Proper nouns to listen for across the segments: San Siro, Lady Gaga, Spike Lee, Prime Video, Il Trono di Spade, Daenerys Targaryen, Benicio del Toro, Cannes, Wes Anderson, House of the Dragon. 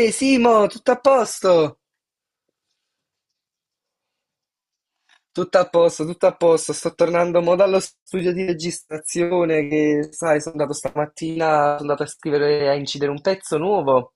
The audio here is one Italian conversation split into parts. Ehi Simo, tutto a posto? Tutto a posto, tutto a posto. Sto tornando mo dallo studio di registrazione che, sai, sono andato stamattina, sono andato a scrivere, a incidere un pezzo nuovo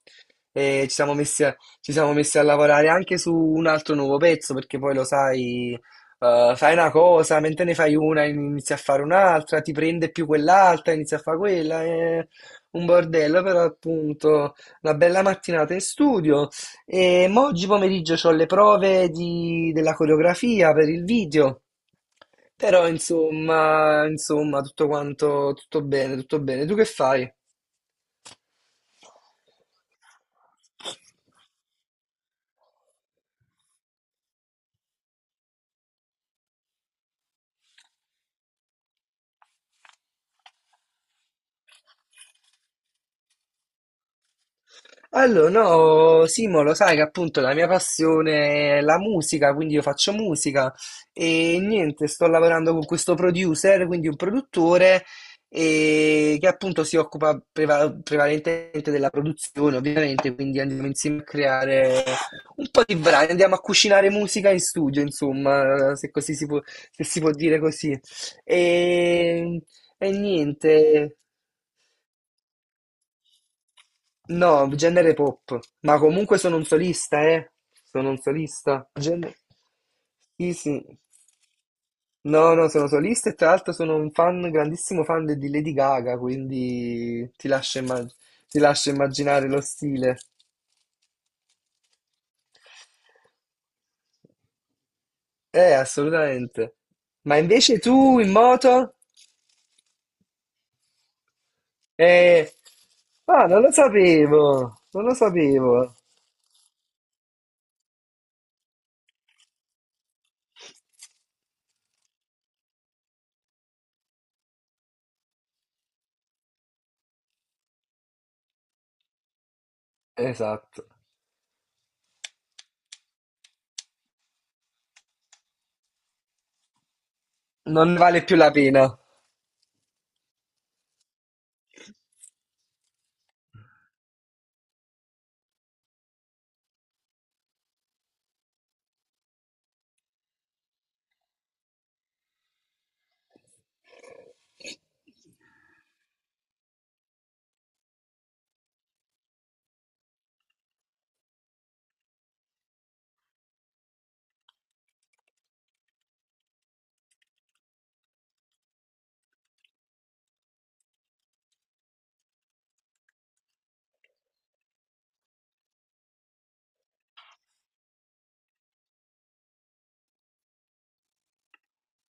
e ci siamo messi a lavorare anche su un altro nuovo pezzo perché poi lo sai, fai una cosa, mentre ne fai una inizi a fare un'altra, ti prende più quell'altra, inizi a fare quella, è un bordello, però appunto una bella mattinata in studio. E mo oggi pomeriggio ho le prove della coreografia per il video, però insomma, tutto quanto, tutto bene, tutto bene. Tu che fai? Allora, no, Simo, lo sai che appunto la mia passione è la musica, quindi io faccio musica e niente, sto lavorando con questo producer, quindi un produttore e che appunto si occupa prevalentemente della produzione, ovviamente, quindi andiamo insieme a creare un po' di brani, andiamo a cucinare musica in studio, insomma, se si può dire così. E, e niente. No, genere pop, ma comunque sono un solista, eh. Sono un solista. Gen- Sì, sì. No, no, sono solista e tra l'altro sono un fan, grandissimo fan di Lady Gaga, quindi ti lascio, ti lascio immaginare lo stile. Assolutamente. Ma invece tu in moto? Eh, ah, non lo sapevo. Esatto. Non ne vale più la pena.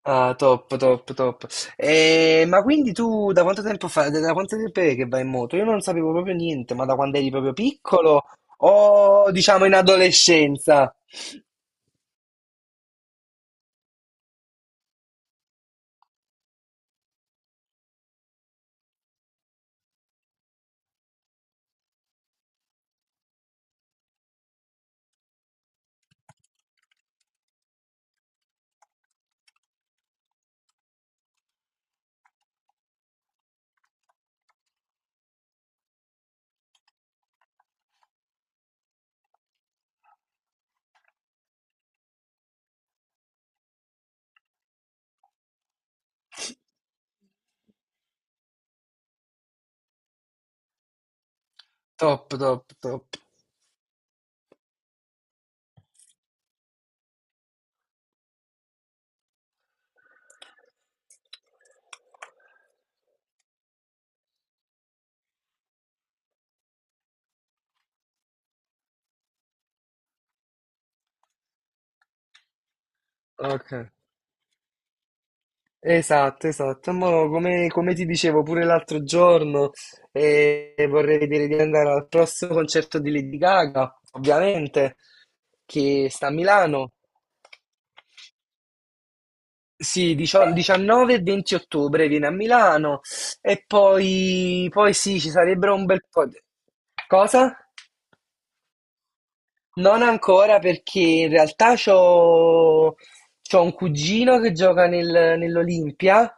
Ah, top, top, top. Ma quindi tu da quanto tempo è che vai in moto? Io non sapevo proprio niente, ma da quando eri proprio piccolo o diciamo in adolescenza? Top, top, top. Ok, esatto. Mo, come ti dicevo pure l'altro giorno, vorrei vedere di andare al prossimo concerto di Lady Gaga, ovviamente, che sta a Milano. Sì, 19 e 20 ottobre viene a Milano e poi, poi sì, ci sarebbero un bel po' di... Cosa? Non ancora perché in realtà c'ho un cugino che gioca nell'Olimpia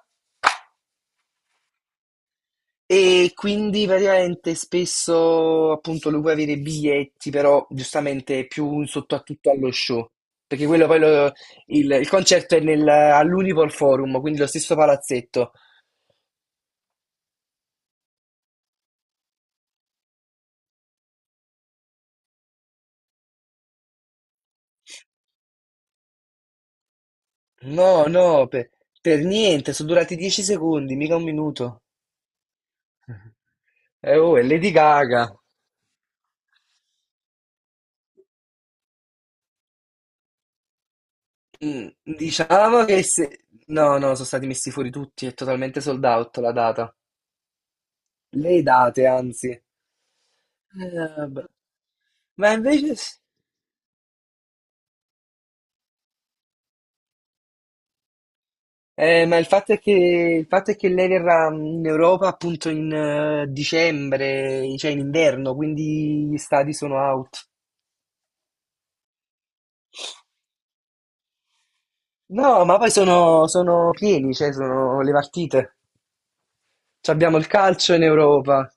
e quindi praticamente spesso appunto lui può avere i biglietti, però giustamente è più un sottotitolo allo show, perché quello poi lo- il concerto è nel- all'Unipol Forum, quindi lo stesso palazzetto. No, no, per niente, sono durati 10 secondi, mica un minuto. Oh, è Lady Gaga. Mm, diciamo che se... No, no, sono stati messi fuori tutti, è totalmente sold out la data. Le date, anzi. Vabbè. Ma invece... s- ma il fatto è che lei verrà in Europa appunto in dicembre, cioè in inverno, quindi gli stadi sono out. No, ma poi sono pieni, cioè sono le partite. C'abbiamo il calcio in Europa.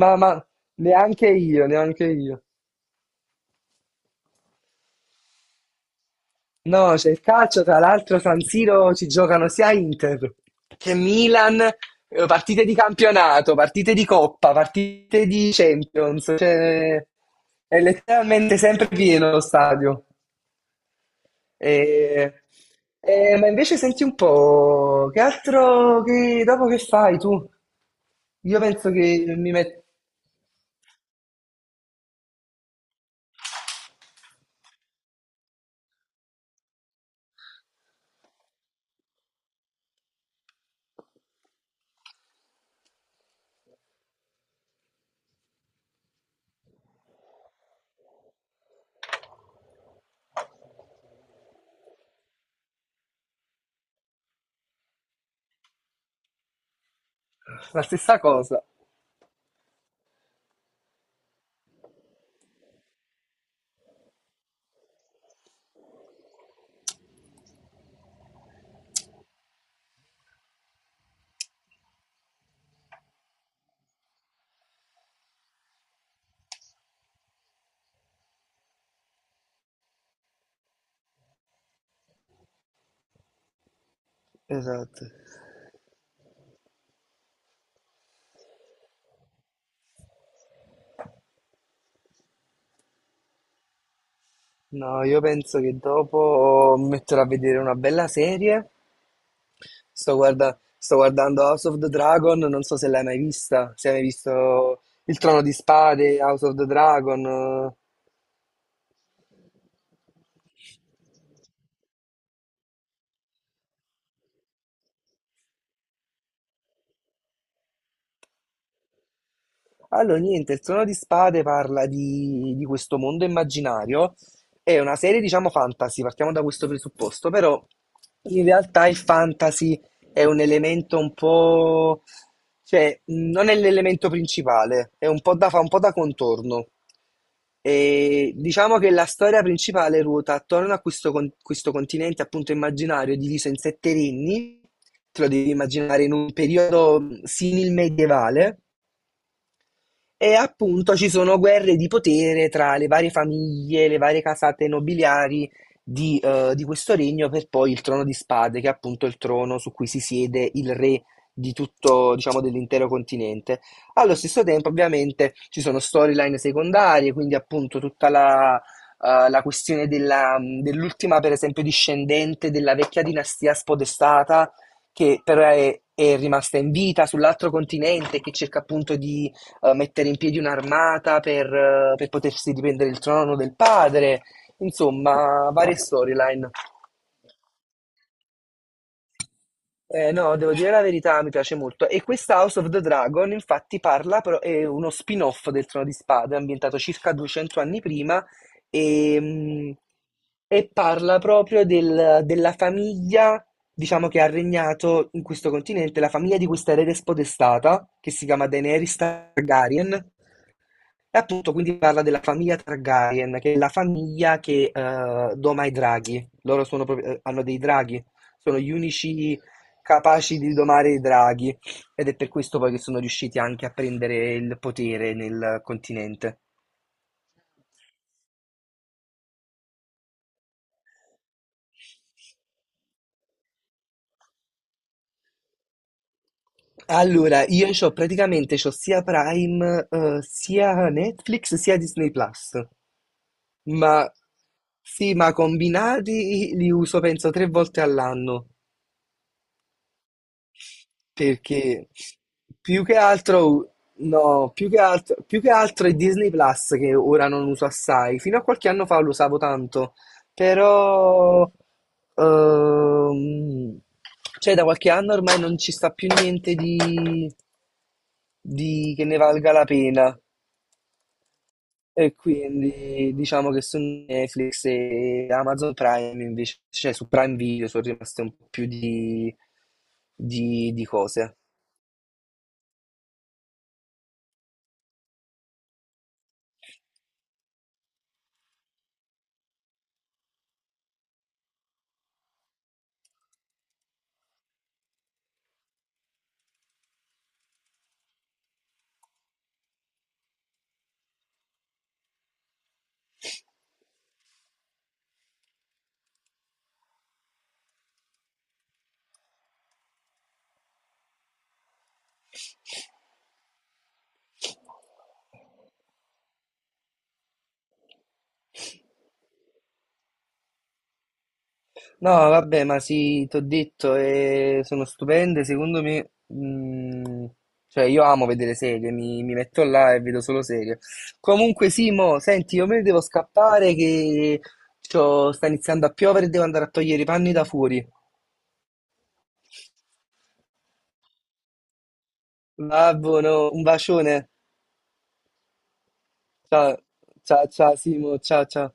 Ma neanche io. No, c'è il calcio, tra l'altro San Siro ci giocano sia Inter che Milan, partite di campionato, partite di coppa, partite di Champions, cioè, è letteralmente sempre pieno lo stadio. E- ma invece senti un po', che altro, dopo che fai tu? Io penso che mi metto la stessa cosa. Esatto. No, io penso che dopo mi metterò a vedere una bella serie. Sto guardando House of the Dragon, non so se l'hai mai vista, se hai mai visto Il Trono di Spade, House of the Dragon. Allora, niente, il Trono di Spade parla di questo mondo immaginario, è una serie, diciamo, fantasy, partiamo da questo presupposto, però in realtà il fantasy è un elemento un po'... cioè, non è l'elemento principale, è un po' da, fa un po' da contorno. E diciamo che la storia principale ruota attorno a questo, questo continente appunto immaginario diviso in sette regni, te lo devi immaginare in un periodo simil-medievale, e appunto ci sono guerre di potere tra le varie famiglie, le varie casate nobiliari di questo regno per poi il trono di spade, che è appunto il trono su cui si siede il re di tutto, diciamo, dell'intero continente. Allo stesso tempo, ovviamente, ci sono storyline secondarie, quindi appunto tutta la, la questione dell'ultima, per esempio, discendente della vecchia dinastia spodestata, che però è rimasta in vita sull'altro continente, che cerca appunto di mettere in piedi un'armata per per potersi riprendere il trono del padre, insomma, varie storyline. No, devo dire la verità, mi piace molto. E questa House of the Dragon, infatti, parla, però è uno spin-off del Trono di Spade, ambientato circa 200 anni prima, e, mh, e parla proprio della famiglia, diciamo, che ha regnato in questo continente, la famiglia di questa erede spodestata, che si chiama Daenerys Targaryen. Appunto, quindi parla della famiglia Targaryen, che è la famiglia che doma i draghi. Loro sono proprio- hanno dei draghi, sono gli unici capaci di domare i draghi ed è per questo poi che sono riusciti anche a prendere il potere nel continente. Allora, io c'ho praticamente c'ho sia Prime, sia Netflix, sia Disney Plus. Ma sì, ma combinati li uso penso 3 volte all'anno. Perché più che altro è Disney Plus che ora non uso assai. Fino a qualche anno fa lo usavo tanto, però ehm, cioè da qualche anno ormai non ci sta più niente di, di che ne valga la pena. E quindi diciamo che su Netflix e Amazon Prime invece, cioè su Prime Video sono rimaste un po' più di, di cose. No, vabbè, ma sì, ti ho detto, sono stupende, secondo me, cioè io amo vedere serie, mi metto là e vedo solo serie. Comunque Simo, senti, io me ne devo scappare che c'ho- sta iniziando a piovere e devo andare a togliere i panni da fuori. Va buono, un bacione. Ciao, ciao, ciao Simo, ciao, ciao.